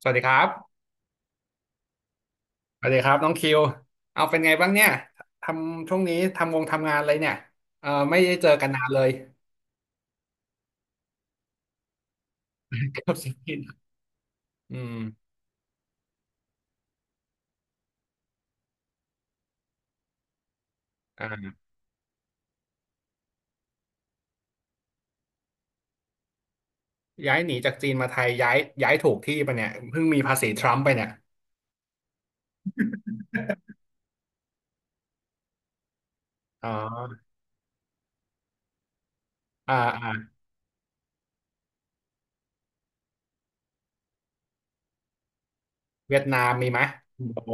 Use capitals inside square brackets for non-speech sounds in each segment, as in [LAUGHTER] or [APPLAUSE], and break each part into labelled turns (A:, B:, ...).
A: สวัสดีครับสวัสดีครับน้องคิวเอาเป็นไงบ้างเนี่ยทำช่วงนี้ทำงานอะไรเนี่ยเออไม่ได้เจอกันนานเลย [LAUGHS] กับซีรีสิบอืมอ่าย้ายหนีจากจีนมาไทยย้ายถูกที่ปะเนี่ยเพิ่งมีภาษีทรัมป์ไปเนี่ยอ๋ออ่าอ่าเวียดนามมีไหมโอ้โห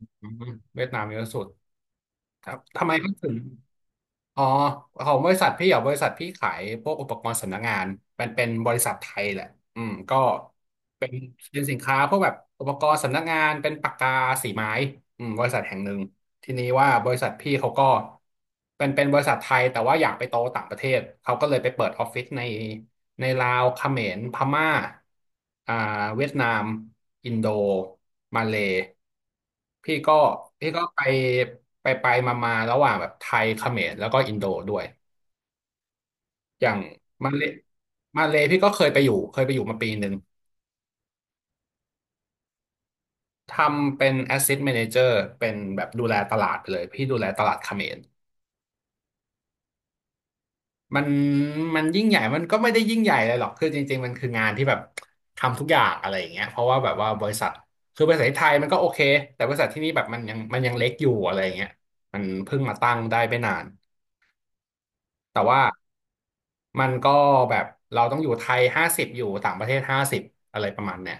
A: อืมเวียดนามเยอะสุดครับทำไมเขาถึง อ๋อของบริษัทพี่เหรอบริษัทพี่ขายพวกอุปกรณ์สำนักงานมันเป็นบริษัทไทยแหละอืมก็เป็นเป็นสินค้าพวกแบบอุปกรณ์สำนักงานเป็นปากกาสีไม้อืมบริษัทแห่งหนึ่ง ทีนี้ว่าบริษัทพี่เขาก็เป็นบริษัทไทยแต่ว่าอยากไปโตต่างประเทศเขาก็เลยไปเปิดออฟฟิศในในลาวเขมรพม่าอ่าเวียดนามอินโดมาเลพี่ก็พี่ก็ไปไปไปมามาๆระหว่างแบบไทยเขมรแล้วก็อินโดด้วยอย่างมาเลมาเลพี่ก็เคยไปอยู่เคยไปอยู่มาปีหนึ่งทำเป็น Asset Manager เป็นแบบดูแลตลาดไปเลยพี่ดูแลตลาดเขมร มันมันยิ่งใหญ่มันก็ไม่ได้ยิ่งใหญ่เลยหรอกคือจริงๆมันคืองานที่แบบทำทุกอย่างอะไรอย่างเงี้ยเพราะว่าแบบว่าบริษัทคือบริษัทที่ไทยมันก็โอเคแต่บริษัทที่นี่แบบมันยังเล็กอยู่อะไรอย่างเงี้ยมันเพิ่งมาตั้งได้ไม่นานแต่ว่ามันก็แบบเราต้องอยู่ไทยห้าสิบอยู่ต่างประเทศห้าสิบอะไรประมาณเนี้ย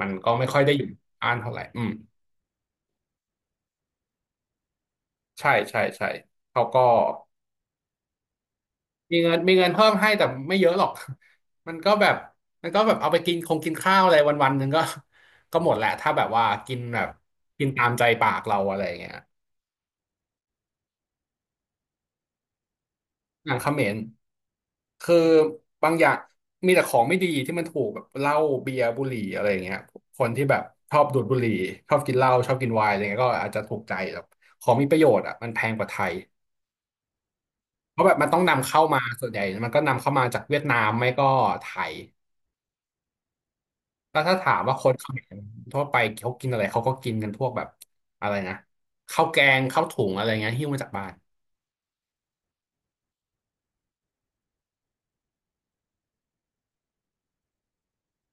A: มันก็ไม่ค่อยได้อยู่อ่านเท่าไหร่อืมใช่ใช่ใช่เขาก็ มีเงินเพิ่มให้แต่ไม่เยอะหรอก [LAUGHS] มันก็แบบเอาไปกินคงกินข้าวอะไรวันวันหนึ่งก็หมดแหละถ้าแบบว่ากินแบบกินตามใจปากเราอะไรอย่างเงี้ยอย่างเขมรคือบางอย่างมีแต่ของไม่ดีที่มันถูกแบบเหล้าเบียร์บุหรี่อะไรอย่างเงี้ยคนที่แบบชอบดูดบุหรี่ชอบกินเหล้าชอบกินไวน์อะไรเงี้ยก็อาจจะถูกใจแบบของมีประโยชน์อ่ะมันแพงกว่าไทยเพราะแบบมันต้องนำเข้ามาส่วนใหญ่มันก็นำเข้ามาจากเวียดนามไม่ก็ไทย แล้วถ้าถามว่าคนเขมรทั่วไปเขากินอะไรเขาก็กินกันพวกแบบอะไรนะข้าวแกงข้าวถุงอะไรเงี้ยหิ้วมาจากบ้าน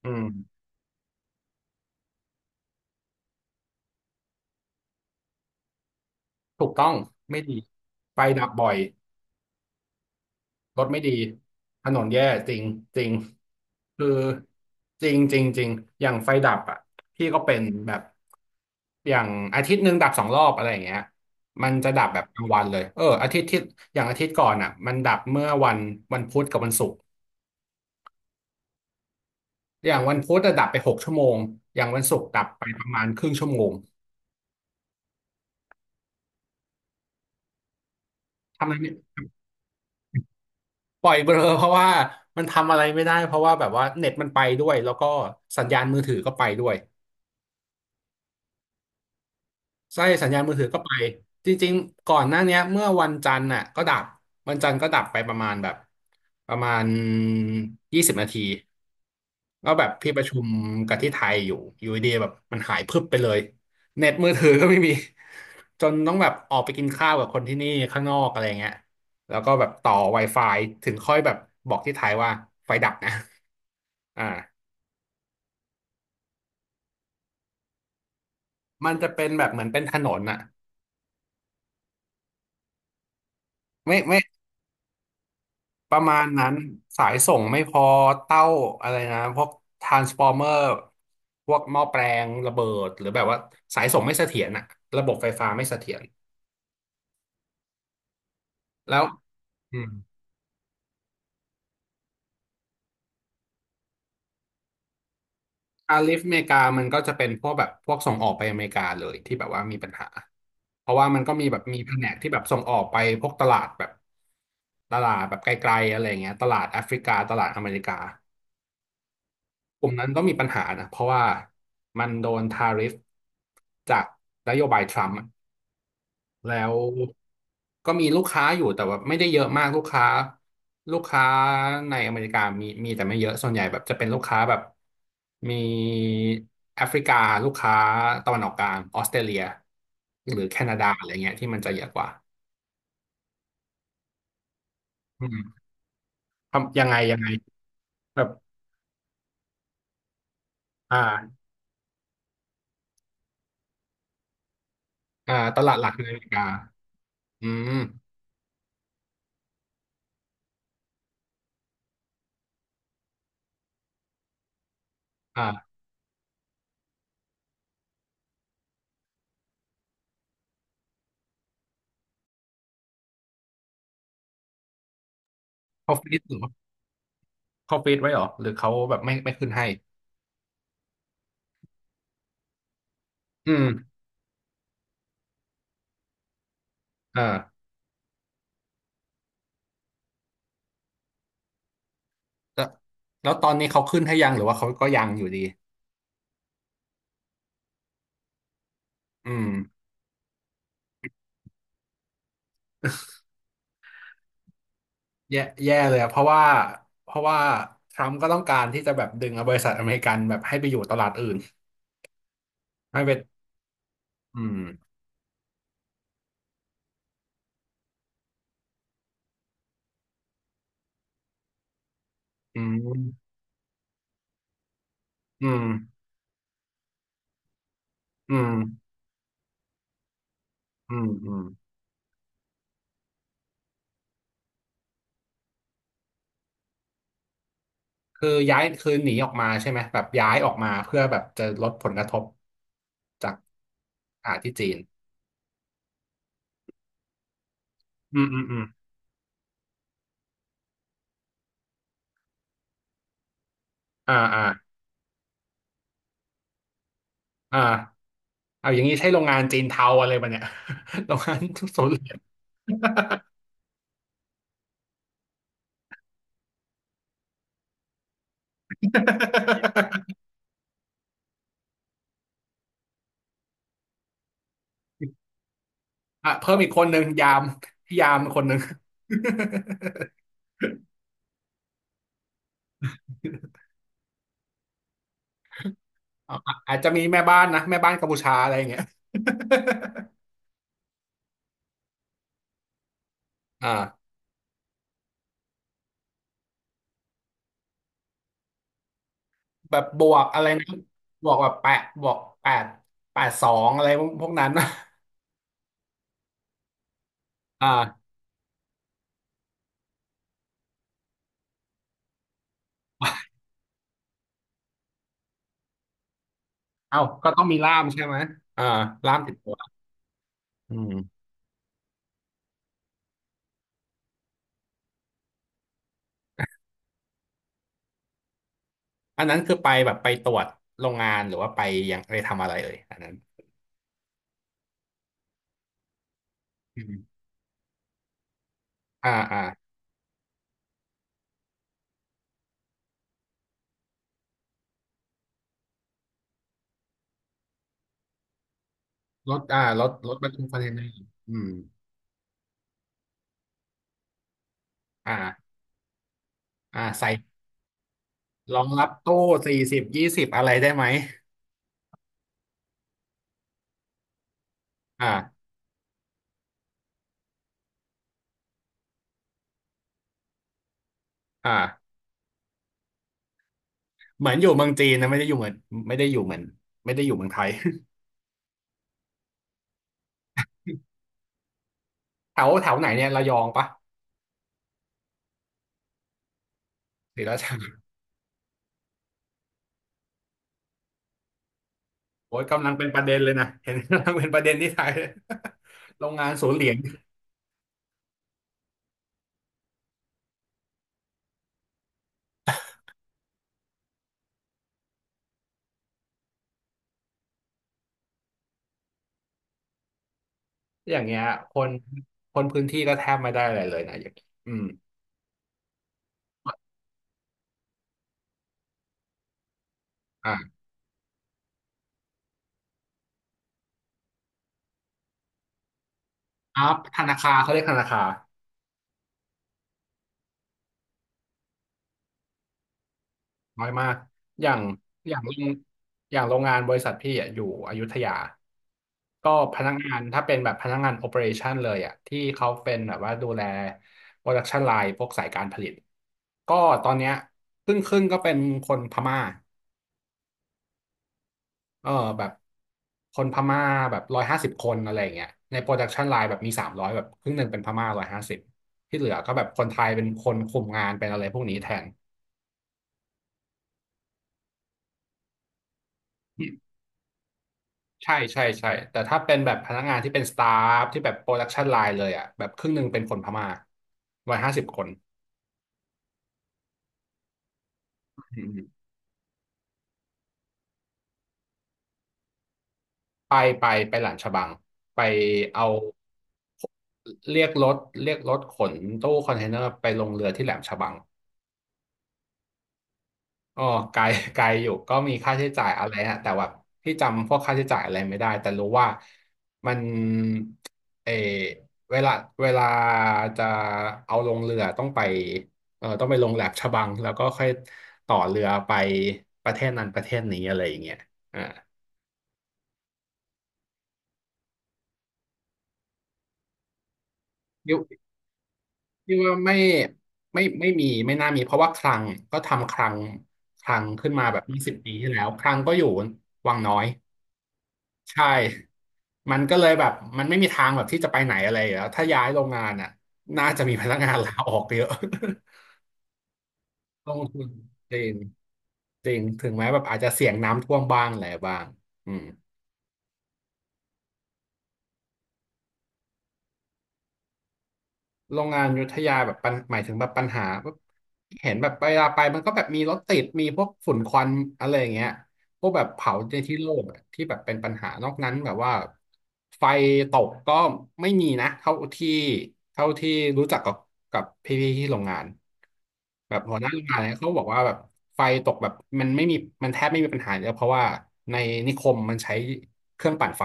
A: อืมถูกต้องไม่ดีไฟดับบ่อยรถไม่ดีถนนแย่จริงจริงคือจริงจริงจริงอย่างไฟดับอ่ะพี่ก็เป็นแบบอย่างอาทิตย์หนึ่งดับสองรอบอะไรอย่างเงี้ยมันจะดับแบบกลางวันเลยเอออาทิตย์ที่อย่างอาทิตย์ก่อนอ่ะมันดับเมื่อวันวันพุธกับวันศุกร์ อย่างวันพุธอะดับไป6 ชั่วโมง อย่างวันศุกร์ดับไปประมาณครึ่งชั่วโมง ทำอะไรเนี่ยปล่อยเบลอ [LAUGHS] เพราะว่ามันทำอะไรไม่ได้เพราะว่าแบบว่าเน็ตมันไปด้วยแล้วก็สัญญาณมือถือก็ไปด้วย ไส้สัญญาณมือถือก็ไปจริงๆก่อนหน้าเนี้ยเมื่อวันจันทร์น่ะก็ดับวันจันทร์ก็ดับไปประมาณแบบประมาณ20 นาทีก็แบบพี่ประชุมกับที่ไทยอยู่อยู่ดีๆแบบมันหายพรึบไปเลยเน็ตมือถือก็ไม่มีจนต้องแบบออกไปกินข้าวกับคนที่นี่ข้างนอกอะไรเงี้ยแล้วก็แบบต่อ Wi-Fi ถึงค่อยแบบบอกที่ไทยว่าไฟดับนะอ่ามันจะเป็นแบบเหมือนเป็นถนนอะไม่ไม่ ประมาณนั้นสายส่งไม่พอเต้าอะไรนะพวกทรานสฟอร์เมอร์พวกหม้อแปลงระเบิดหรือแบบว่าสายส่งไม่เสถียรอะระบบไฟฟ้าไม่เสถียรแล้วอืมอาลิฟอเมริกามันก็จะเป็นพวกแบบพวกส่งออกไปอเมริกาเลยที่แบบว่ามีปัญหาเพราะว่ามันก็มีแบบมีแผนกที่แบบส่งออกไปพวกตลาดแบบตลาดแบบไกลๆอะไรเงี้ยตลาดแอฟริกาตลาดอเมริกากลุ่มนั้นก็มีปัญหานะเพราะว่ามันโดนทาริฟจากนโยบายทรัมป์อะ แล้วก็มีลูกค้าอยู่แต่ว่าไม่ได้เยอะมากลูกค้าลูกค้าในอเมริกามีแต่ไม่เยอะส่วนใหญ่แบบจะเป็นลูกค้าแบบมีแอฟริกาลูกค้าตะวันออกกลางออสเตรเลียหรือแคนาดาอะไรเงี้ยที่มันจะเยอะกว่าอืมทำยังไงยังไงแบบอ่าอ่าตลาดหลักในอเมริกาอืมอ่าเขาฟีดหรือเขาฟีดไว้เหรอหรือเขาแบบไม่ขึ้นให้อืมเออแล้วแล้วตอนนี้เขาขึ้นให้ยังหรือว่าเขาก็ยังอยู่ดี อืม [LAUGHS] แย่เลยอะเพราะว่าทรัมป์ก็ต้องการที่จะแบบดึงเอาบริษัทอเมริกันแบบให้ไปอยู่ตลาดอื่นไม่เปนอืมอืมอืมอืมอืมอืมคือย้ายคือหนีออกมาใช่ไหมแบบย้ายออกมาเพื่อแบบจะลดผลกระทบจากที่จีนอืมอืมอืมอ่าอ่าอ่าเอาอย่างนี้ใช่โรงงานจีนเทาอะไรปะเนี่ย [LAUGHS] โรงงาน [LAUGHS] ทุกโซนเหรียญ อ่ะเพิ่มอีกคนหนึ่งยามพี่ยามคนหนึ่ง [LAUGHS] อะอาจจะมีแม่บ้านนะแม่บ้านกัมพูชาอะไรอย่างเงี้ย [LAUGHS] อ่าแบบบวกอะไรนะบวกแบบแปดบวกแปดแปดสองอะไรพวกนั้น [LAUGHS] อ่าเอ้าก็ต้องมีล่ามใช่ไหมอ่าล่ามติดตัวอืมอันนั้นคือไปแบบไปตรวจโรงงานหรือว่าไปยังไปทำอะไรเอ่ยอันนั้นอืมอ่าอ่ารถรถบรรทุกคอนเทนเนอร์อืมอ่าอ่าใส่ รองรับตู้40ยี่สิบอะไรได้ไหมอ่าอ่าเหมือนอยู่เมืองจีนนะไม่ได้อยู่เหมือนไม่ได้อยู่เหมือนไม่ได้อยู่เมืองไทย [LAUGHS] แถวแถวไหนเนี่ยระยองปะศรีราชาโอ้ยกำลังเป็นประเด็นเลยนะเห็นกำลังเป็นประเด็นที่ไทย [LAUGHS] โรงงานศูนย์เหรียญอย่างเงี้ยคนคนพื้นที่ก็แทบไม่ได้อะไรเลยนะอย่างนี้อืมอ่าอัพธนาคารเขาเรียกธนาคาร น้อยมาก อย่างอย่างโรงอย่างโรงงานบริษัทพี่อ่ะอยู่อยุธยา ก็พนักงานถ้าเป็นแบบพนักงานโอ e r a t i o n เลยอ่ะที่เขาเป็นแบบว่าดูแล production line พวกสายการผลิต ก็ตอนเนี้ยครึ่งก็เป็นคนพม่าเออแบบคนพม่าแบบร้อยห้าสิบคนอะไรอย่างเงี้ยใน production line แบบมี300แบบครึ่งหนึ่งเป็นพม่าร้อยห้าสิบที่เหลือก็แบบคนไทยเป็นคนคุมงานเป็นอะไรพวกนี้แทน ใช่ใช่ใช่ แต่ถ้าเป็นแบบพนักงานที่เป็นสตาฟที่แบบโปรดักชันไลน์เลยอ่ะแบบครึ่งหนึ่งเป็นคนพม่าประมาณห้าสิบคนอืมไปไปไปหลานฉบัง ไปเอาเรียกรถเรียกรถขนตู้คอนเทนเนอร์ไปลงเรือที่แหลมฉบัง อ๋อไกล [LAUGHS] ไกลอยู่ก็มีค่าใช้จ่ายอะไรฮะแต่ว่าพี่จำพวกค่าใช้จ่ายอะไรไม่ได้แต่รู้ว่ามันเออเวลาเวลาจะเอาลงเรือต้องไปเออต้องไปลงแหลมฉบังแล้วก็ค่อยต่อเรือไปประเทศนั้นประเทศนี้อะไรอย่างเงี้ยอ่าพี่พี่ว่าไม่มีไม่น่ามีเพราะว่าคลังก็ทำคลังขึ้นมาแบบยี่สิบปีที่แล้วคลังก็อยู่วังน้อย ใช่ มันก็เลยแบบมันไม่มีทางแบบที่จะไปไหนอะไรอยู่แล้วถ้าย้ายโรงงานอ่ะน่าจะมีพนักงานลาออกเยอะ [LAUGHS] ลงทุนจริงจริงถึงแม้แบบอาจจะเสี่ยงน้ำท่วมบ้างอะไรบ้างอืม โรงงานอยุธยาแบบปัญหมายถึงแบบปัญหาแบบเห็นแบบเวลาไปมันก็แบบมีรถติดมีพวกฝุ่นควันอะไรอย่างเงี้ยพวกแบบเผาในที่โล่งอะที่แบบเป็นปัญหานอกนั้นแบบว่าไฟตกก็ไม่มีนะเท่าที่รู้จักกับพี่ๆที่โรงงานแบบหัวหน้าโรงงานเนี่ยเขาบอกว่าแบบไฟตกแบบมันไม่มีมันแทบไม่มีปัญหาเลยเพราะว่าในนิคมมันใช้เครื่องปั่นไฟ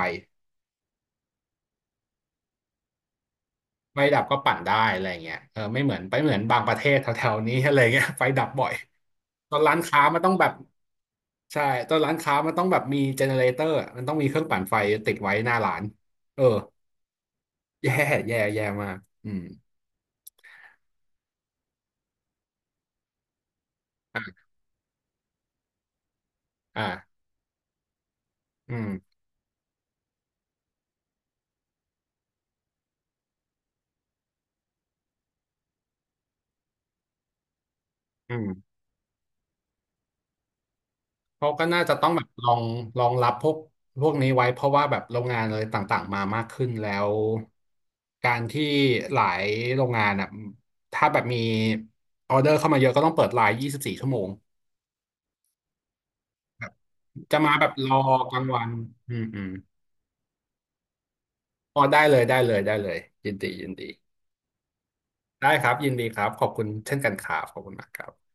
A: ไฟดับก็ปั่นได้อะไรเงี้ยเออไม่เหมือนไปเหมือนบางประเทศแถวๆนี้ [LAUGHS] อะไรเงี้ยไฟดับบ่อย ตอนร้านค้ามันต้องแบบใช่ตอนร้านค้ามันต้องแบบมีเจเนเรเตอร์มันต้องมีเครื่องปั่นไฟติดไว้หน้าร้านเออแย่แย่แย่มากอืมอ่าอืมอืมเขาก็น่าจะต้องแบบลองลองรับพวกนี้ไว้เพราะว่าแบบโรงงานอะไรต่างๆมามากขึ้นแล้วการที่หลายโรงงานอ่ะถ้าแบบมีออเดอร์เข้ามาเยอะก็ต้องเปิดไลน์24ชั่วโมง จะมาแบบรอกลางวันอืมอืมอ๋อได้เลยได้เลยได้เลยยินดียินดีได้ครับยินดีครับขอบคุณเช่นกันครับขอบคุณมากครับ